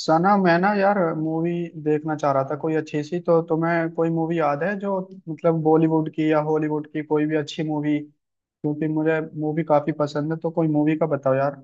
सना, मैं ना यार मूवी देखना चाह रहा था कोई अच्छी सी। तो तुम्हें कोई मूवी याद है जो मतलब बॉलीवुड की या हॉलीवुड की, कोई भी अच्छी मूवी? क्योंकि मुझे मूवी काफी पसंद है तो कोई मूवी का बताओ यार।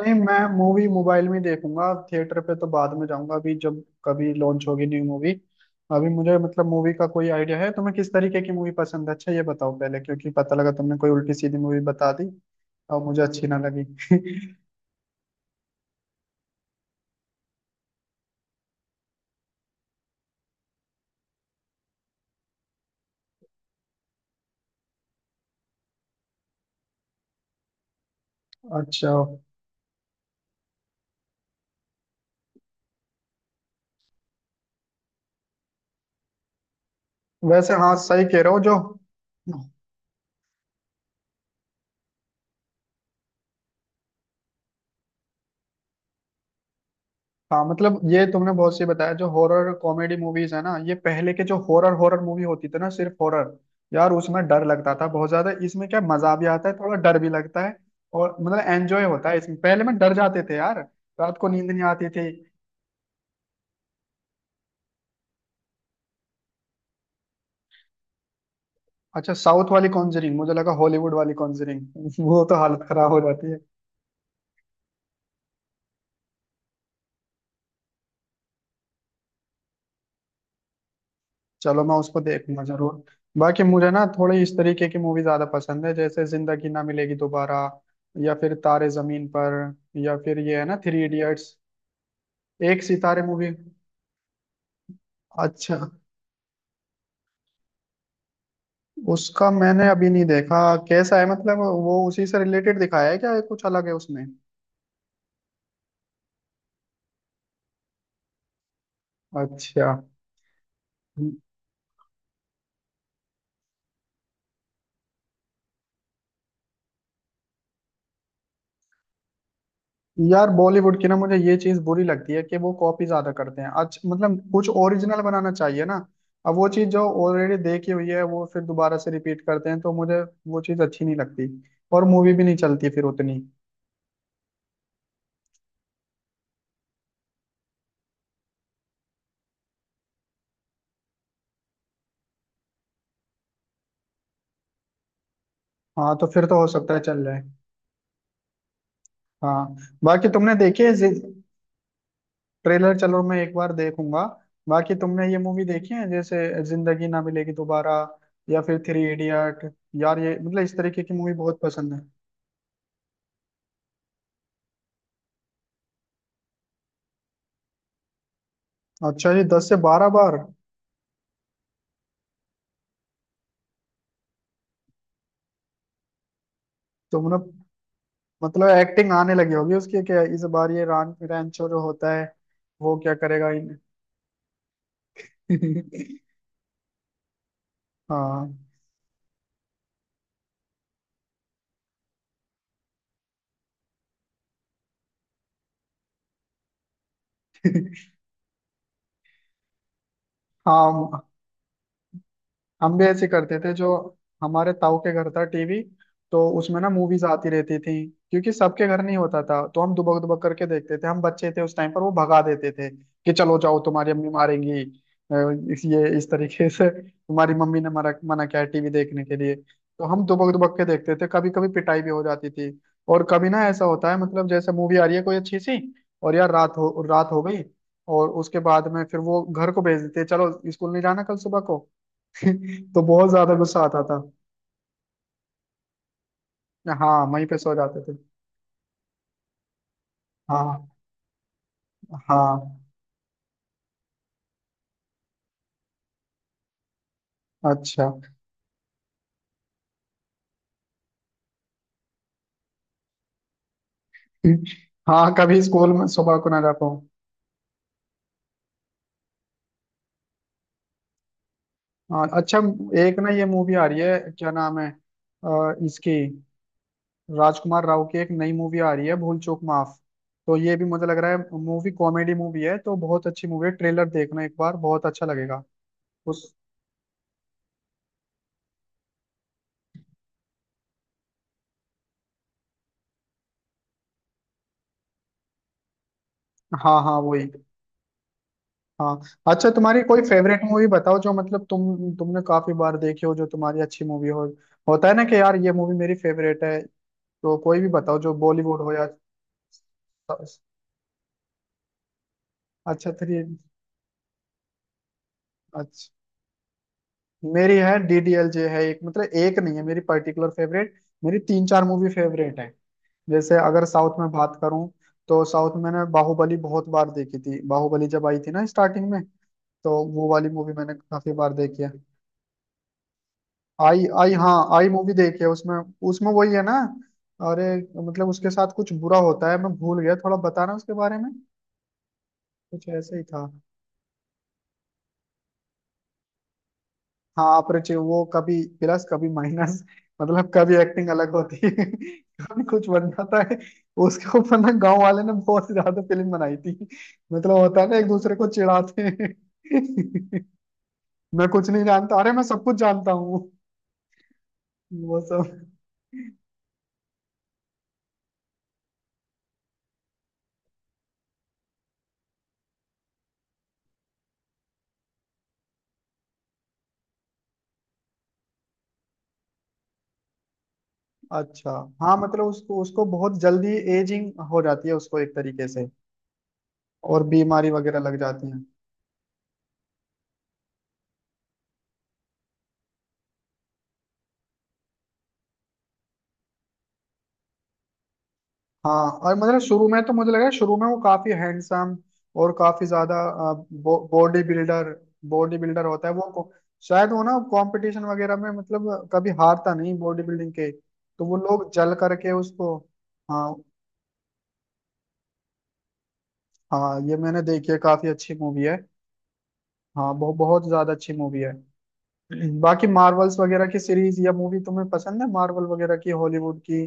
नहीं, मैं मूवी मोबाइल में ही देखूंगा। थिएटर पे तो बाद में जाऊंगा, अभी जब कभी लॉन्च होगी न्यू मूवी। अभी मुझे मतलब मूवी का कोई आइडिया है, तुम्हें किस तरीके की मूवी पसंद है अच्छा ये बताओ पहले, क्योंकि पता लगा तुमने कोई उल्टी सीधी मूवी बता दी और मुझे अच्छी ना लगी। अच्छा। वैसे हाँ सही कह रहे हो जो। हाँ, मतलब ये तुमने बहुत सही बताया, जो हॉरर कॉमेडी मूवीज है ना, ये पहले के जो हॉरर हॉरर मूवी होती थी ना सिर्फ हॉरर, यार उसमें डर लगता था बहुत ज्यादा। इसमें क्या मजा भी आता है, थोड़ा डर भी लगता है और मतलब एंजॉय होता है। इसमें पहले में डर जाते थे यार, रात को नींद नहीं आती थी। अच्छा, साउथ वाली कॉन्जरिंग? मुझे लगा हॉलीवुड वाली कॉन्जरिंग। वो तो हालत खराब हो जाती है। चलो, मैं उसको देखूंगा जरूर। बाकी मुझे ना थोड़ी इस तरीके की मूवी ज्यादा पसंद है, जैसे जिंदगी ना मिलेगी दोबारा, या फिर तारे जमीन पर, या फिर ये है ना थ्री इडियट्स। एक सितारे मूवी? अच्छा। उसका मैंने अभी नहीं देखा। कैसा है मतलब, वो उसी से रिलेटेड दिखाया है क्या या कुछ अलग है उसमें? अच्छा। यार बॉलीवुड की ना मुझे ये चीज बुरी लगती है कि वो कॉपी ज्यादा करते हैं। अच्छा मतलब कुछ ओरिजिनल बनाना चाहिए ना। अब वो चीज जो ऑलरेडी देखी हुई है वो फिर दोबारा से रिपीट करते हैं, तो मुझे वो चीज अच्छी नहीं लगती, और मूवी भी नहीं चलती फिर उतनी। हाँ तो फिर तो हो सकता है चल जाए। हाँ, बाकी तुमने देखी है? ट्रेलर चलो मैं एक बार देखूंगा। बाकी तुमने ये मूवी देखी है जैसे जिंदगी ना मिलेगी दोबारा, या फिर थ्री इडियट? यार ये मतलब इस तरीके की मूवी बहुत पसंद है। अच्छा, ये 10 से 12 बार? तुमने मतलब एक्टिंग आने लगी होगी उसकी क्या इस बार? ये रान रैंचो जो होता है, वो क्या करेगा इन? हाँ। हाँ, हम भी ऐसे करते थे जो, हमारे ताऊ के घर था टीवी, तो उसमें ना मूवीज आती रहती थी। क्योंकि सबके घर नहीं होता था तो हम दुबक दुबक करके देखते थे। हम बच्चे थे उस टाइम पर, वो भगा देते थे कि चलो जाओ तुम्हारी अम्मी मारेंगी, इस ये इस तरीके से तुम्हारी मम्मी ने मना मना किया है टीवी देखने के लिए। तो हम दुबक दुबक के देखते थे, कभी कभी पिटाई भी हो जाती थी। और कभी ना ऐसा होता है मतलब जैसे मूवी आ रही है कोई अच्छी सी, और यार रात हो गई, और उसके बाद में फिर वो घर को भेज देते, चलो स्कूल नहीं जाना कल सुबह को, तो बहुत ज्यादा गुस्सा आता था। हाँ, वहीं पे सो जाते थे। हाँ हाँ। अच्छा। हाँ कभी स्कूल में सुबह को ना जा पाऊँ। हाँ, अच्छा। एक ना ये मूवी आ रही है, क्या नाम है इसकी, राजकुमार राव की एक नई मूवी आ रही है भूल चूक माफ। तो ये भी मुझे लग रहा है मूवी, कॉमेडी मूवी है तो बहुत अच्छी मूवी है। ट्रेलर देखना एक बार, बहुत अच्छा लगेगा। उस हाँ हाँ वही। हाँ, अच्छा, तुम्हारी कोई फेवरेट मूवी बताओ जो मतलब तुमने काफी बार देखी हो, जो तुम्हारी अच्छी मूवी हो। होता है ना कि यार ये मूवी मेरी फेवरेट है। तो कोई भी बताओ जो बॉलीवुड हो या। अच्छा थ्री। अच्छा, मेरी है डीडीएलजे है एक, मतलब एक नहीं है मेरी पर्टिकुलर फेवरेट, मेरी तीन चार मूवी फेवरेट है। जैसे अगर साउथ में बात करूं, तो साउथ में मैंने बाहुबली बहुत बार देखी थी। बाहुबली जब आई थी ना स्टार्टिंग में, तो वो वाली मूवी मैंने काफी बार देखी है। आई आई, हाँ आई मूवी देखी है उसमें। उसमें वही है ना, अरे, मतलब उसके साथ कुछ बुरा होता है, मैं भूल गया थोड़ा बताना उसके बारे में। कुछ ऐसे ही था। हाँ, अपरिचय, वो कभी प्लस कभी माइनस, मतलब कभी एक्टिंग अलग होती है, कभी कुछ बन जाता है। उसके ऊपर ना गांव वाले ने बहुत ज्यादा फिल्म बनाई थी। मतलब होता है ना, एक दूसरे को चिढ़ाते हैं। मैं कुछ नहीं जानता, अरे मैं सब कुछ जानता हूँ। वो सब। अच्छा। हाँ मतलब उसको उसको बहुत जल्दी एजिंग हो जाती है उसको एक तरीके से, और बीमारी वगैरह लग जाती है। हाँ, और मतलब शुरू में तो मुझे लगा, शुरू में वो काफी हैंडसम और काफी ज्यादा बॉडी बिल्डर, बॉडी बिल्डर होता है वो शायद वो ना कंपटीशन वगैरह में मतलब कभी हारता नहीं बॉडी बिल्डिंग के, तो वो लोग जल करके उसको। हाँ हाँ, ये मैंने देखी है, काफी अच्छी मूवी है। हाँ, बहुत बहुत ज्यादा अच्छी मूवी है। बाकी मार्वल्स वगैरह की सीरीज या मूवी तुम्हें पसंद है? मार्वल वगैरह की, हॉलीवुड की?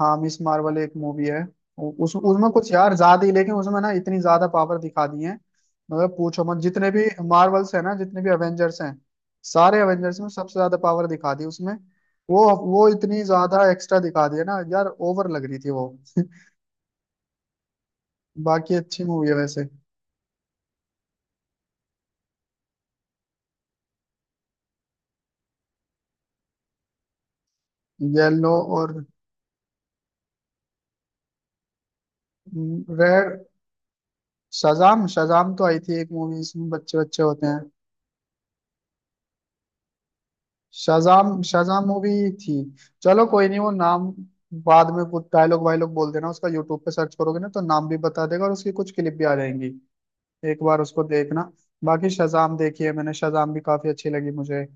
हाँ, मिस मार्वल एक मूवी है। उ- उस उसमें कुछ यार ज्यादा ही, लेकिन उसमें ना इतनी ज्यादा पावर दिखा दी है मतलब पूछो मत। जितने भी मार्वल्स है ना, जितने भी एवेंजर्स हैं, सारे एवेंजर्स में सबसे ज्यादा पावर दिखा दी उसमें। वो वो इतनी ज्यादा एक्स्ट्रा दिखा दी है ना यार, ओवर लग रही थी वो। बाकी अच्छी मूवी है वैसे। येलो और रेड। शजाम शजाम तो आई थी एक मूवी, इसमें बच्चे बच्चे होते हैं। शाजाम शाजाम मूवी थी। चलो कोई नहीं, वो नाम बाद में वो डायलॉग वायलॉग बोल देना उसका, यूट्यूब पे सर्च करोगे ना तो नाम भी बता देगा और उसकी कुछ क्लिप भी आ जाएंगी। एक बार उसको देखना। बाकी शाजाम देखी है मैंने, शाजाम भी काफी अच्छी लगी मुझे।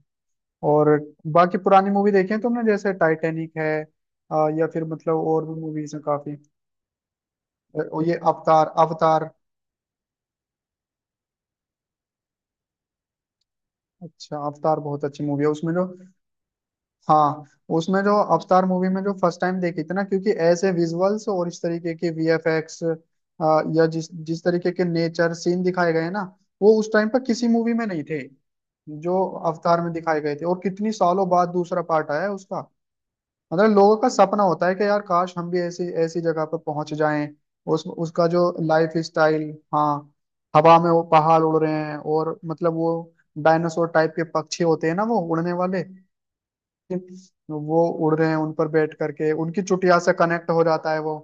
और बाकी पुरानी मूवी देखी है तुमने जैसे टाइटैनिक है, या फिर मतलब और भी मूवीज हैं काफी। और ये अवतार अवतार अच्छा, अवतार बहुत अच्छी मूवी है, उसमें जो, हाँ, उसमें जो अवतार मूवी में जो फर्स्ट टाइम देखी थी ना, क्योंकि ऐसे विजुअल्स और इस तरीके के वीएफएक्स या जिस जिस तरीके के नेचर सीन दिखाए गए हैं ना, वो उस टाइम पर किसी मूवी में नहीं थे जो अवतार में दिखाए गए थे। और कितनी सालों बाद दूसरा पार्ट आया है उसका। मतलब लोगों का सपना होता है कि यार काश हम भी ऐसी ऐसी जगह पर पहुंच जाएं। उस उसका जो लाइफ स्टाइल, हाँ, हवा में वो पहाड़ उड़ रहे हैं, और मतलब वो डायनासोर टाइप के पक्षी होते हैं ना वो उड़ने वाले, तो वो उड़ रहे हैं, उन पर बैठ करके उनकी चुटिया से कनेक्ट हो जाता है वो।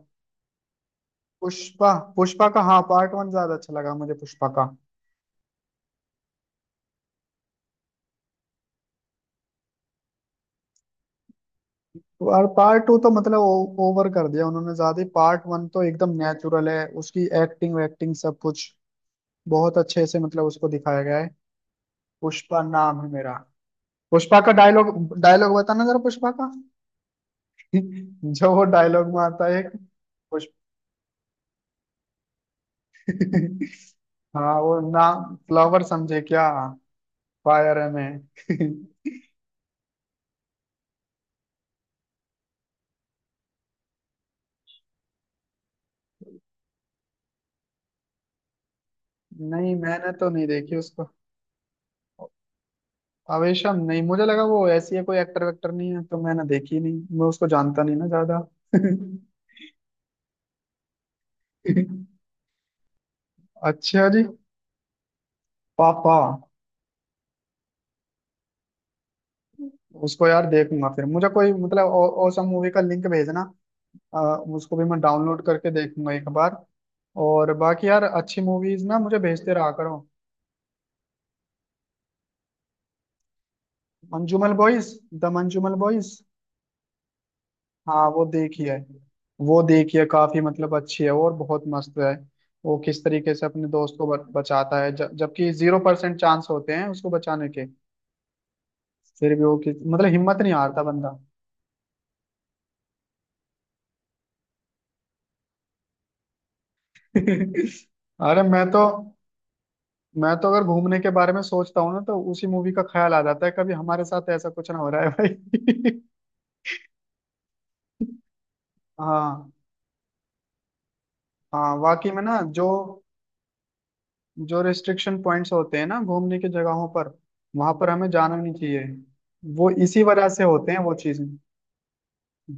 पुष्पा पुष्पा का हाँ, पार्ट वन ज्यादा अच्छा लगा मुझे पुष्पा का। और पार्ट टू तो मतलब ओवर कर दिया उन्होंने ज्यादा ही। पार्ट वन तो एकदम नेचुरल है, उसकी एक्टिंग वैक्टिंग सब कुछ बहुत अच्छे से मतलब उसको दिखाया गया है। पुष्पा नाम है मेरा, पुष्पा का डायलॉग, डायलॉग बताना जरा पुष्पा का। जो वो डायलॉग मारता है एक, पुष्प। हाँ वो, नाम फ्लावर समझे क्या, फायर है मैं। नहीं, मैंने तो नहीं देखी उसको। आवेशम, नहीं मुझे लगा वो ऐसी है, कोई एक्टर वेक्टर नहीं है तो मैंने देखी नहीं, मैं उसको जानता नहीं ना ज्यादा। अच्छा जी। पापा, उसको यार देखूंगा फिर। मुझे कोई मतलब औसम मूवी का लिंक भेजना। अ, उसको भी मैं डाउनलोड करके देखूंगा एक बार। और बाकी यार अच्छी मूवीज ना मुझे भेजते रहा करो। Manjummel Boys, the Manjummel Boys. हाँ वो देखी है, वो देखी है, काफी मतलब अच्छी है और बहुत मस्त है। वो किस तरीके से अपने दोस्त को बचाता है, जबकि जीरो परसेंट चांस होते हैं उसको बचाने के, फिर भी वो किस मतलब हिम्मत नहीं हारता बंदा। अरे मैं तो अगर घूमने के बारे में सोचता हूँ ना तो उसी मूवी का ख्याल आ जाता है, कभी हमारे साथ ऐसा कुछ ना हो रहा है भाई। हाँ। हाँ वाकई में ना, जो जो रेस्ट्रिक्शन पॉइंट्स होते हैं ना घूमने की जगहों पर, वहां पर हमें जाना नहीं चाहिए, वो इसी वजह से होते हैं वो चीजें।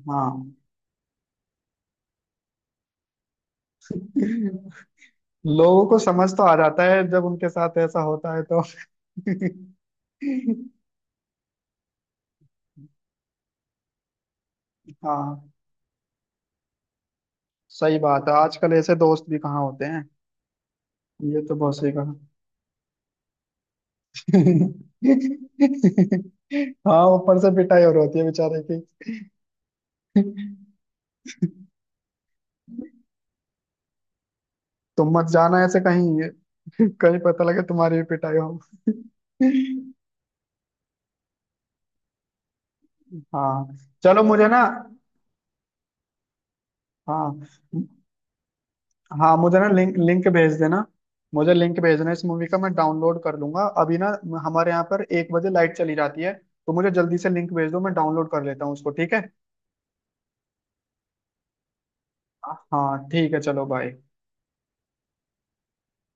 हाँ। लोगों को समझ तो आ जाता है जब उनके साथ ऐसा होता है तो। हाँ, सही बात है, आजकल ऐसे दोस्त भी कहाँ होते हैं। ये तो बहुत सही कहा। हाँ, ऊपर से पिटाई और होती है बेचारे की। तुम मत जाना ऐसे कहीं। कहीं पता लगे तुम्हारी भी पिटाई हो। हाँ, चलो मुझे ना, हाँ हाँ, मुझे ना लिंक लिंक भेज देना। मुझे लिंक भेजना इस मूवी का, मैं डाउनलोड कर लूंगा अभी ना, हमारे यहाँ पर 1 बजे लाइट चली जाती है, तो मुझे जल्दी से लिंक भेज दो, मैं डाउनलोड कर लेता हूँ उसको, ठीक है। हाँ ठीक है, चलो बाय।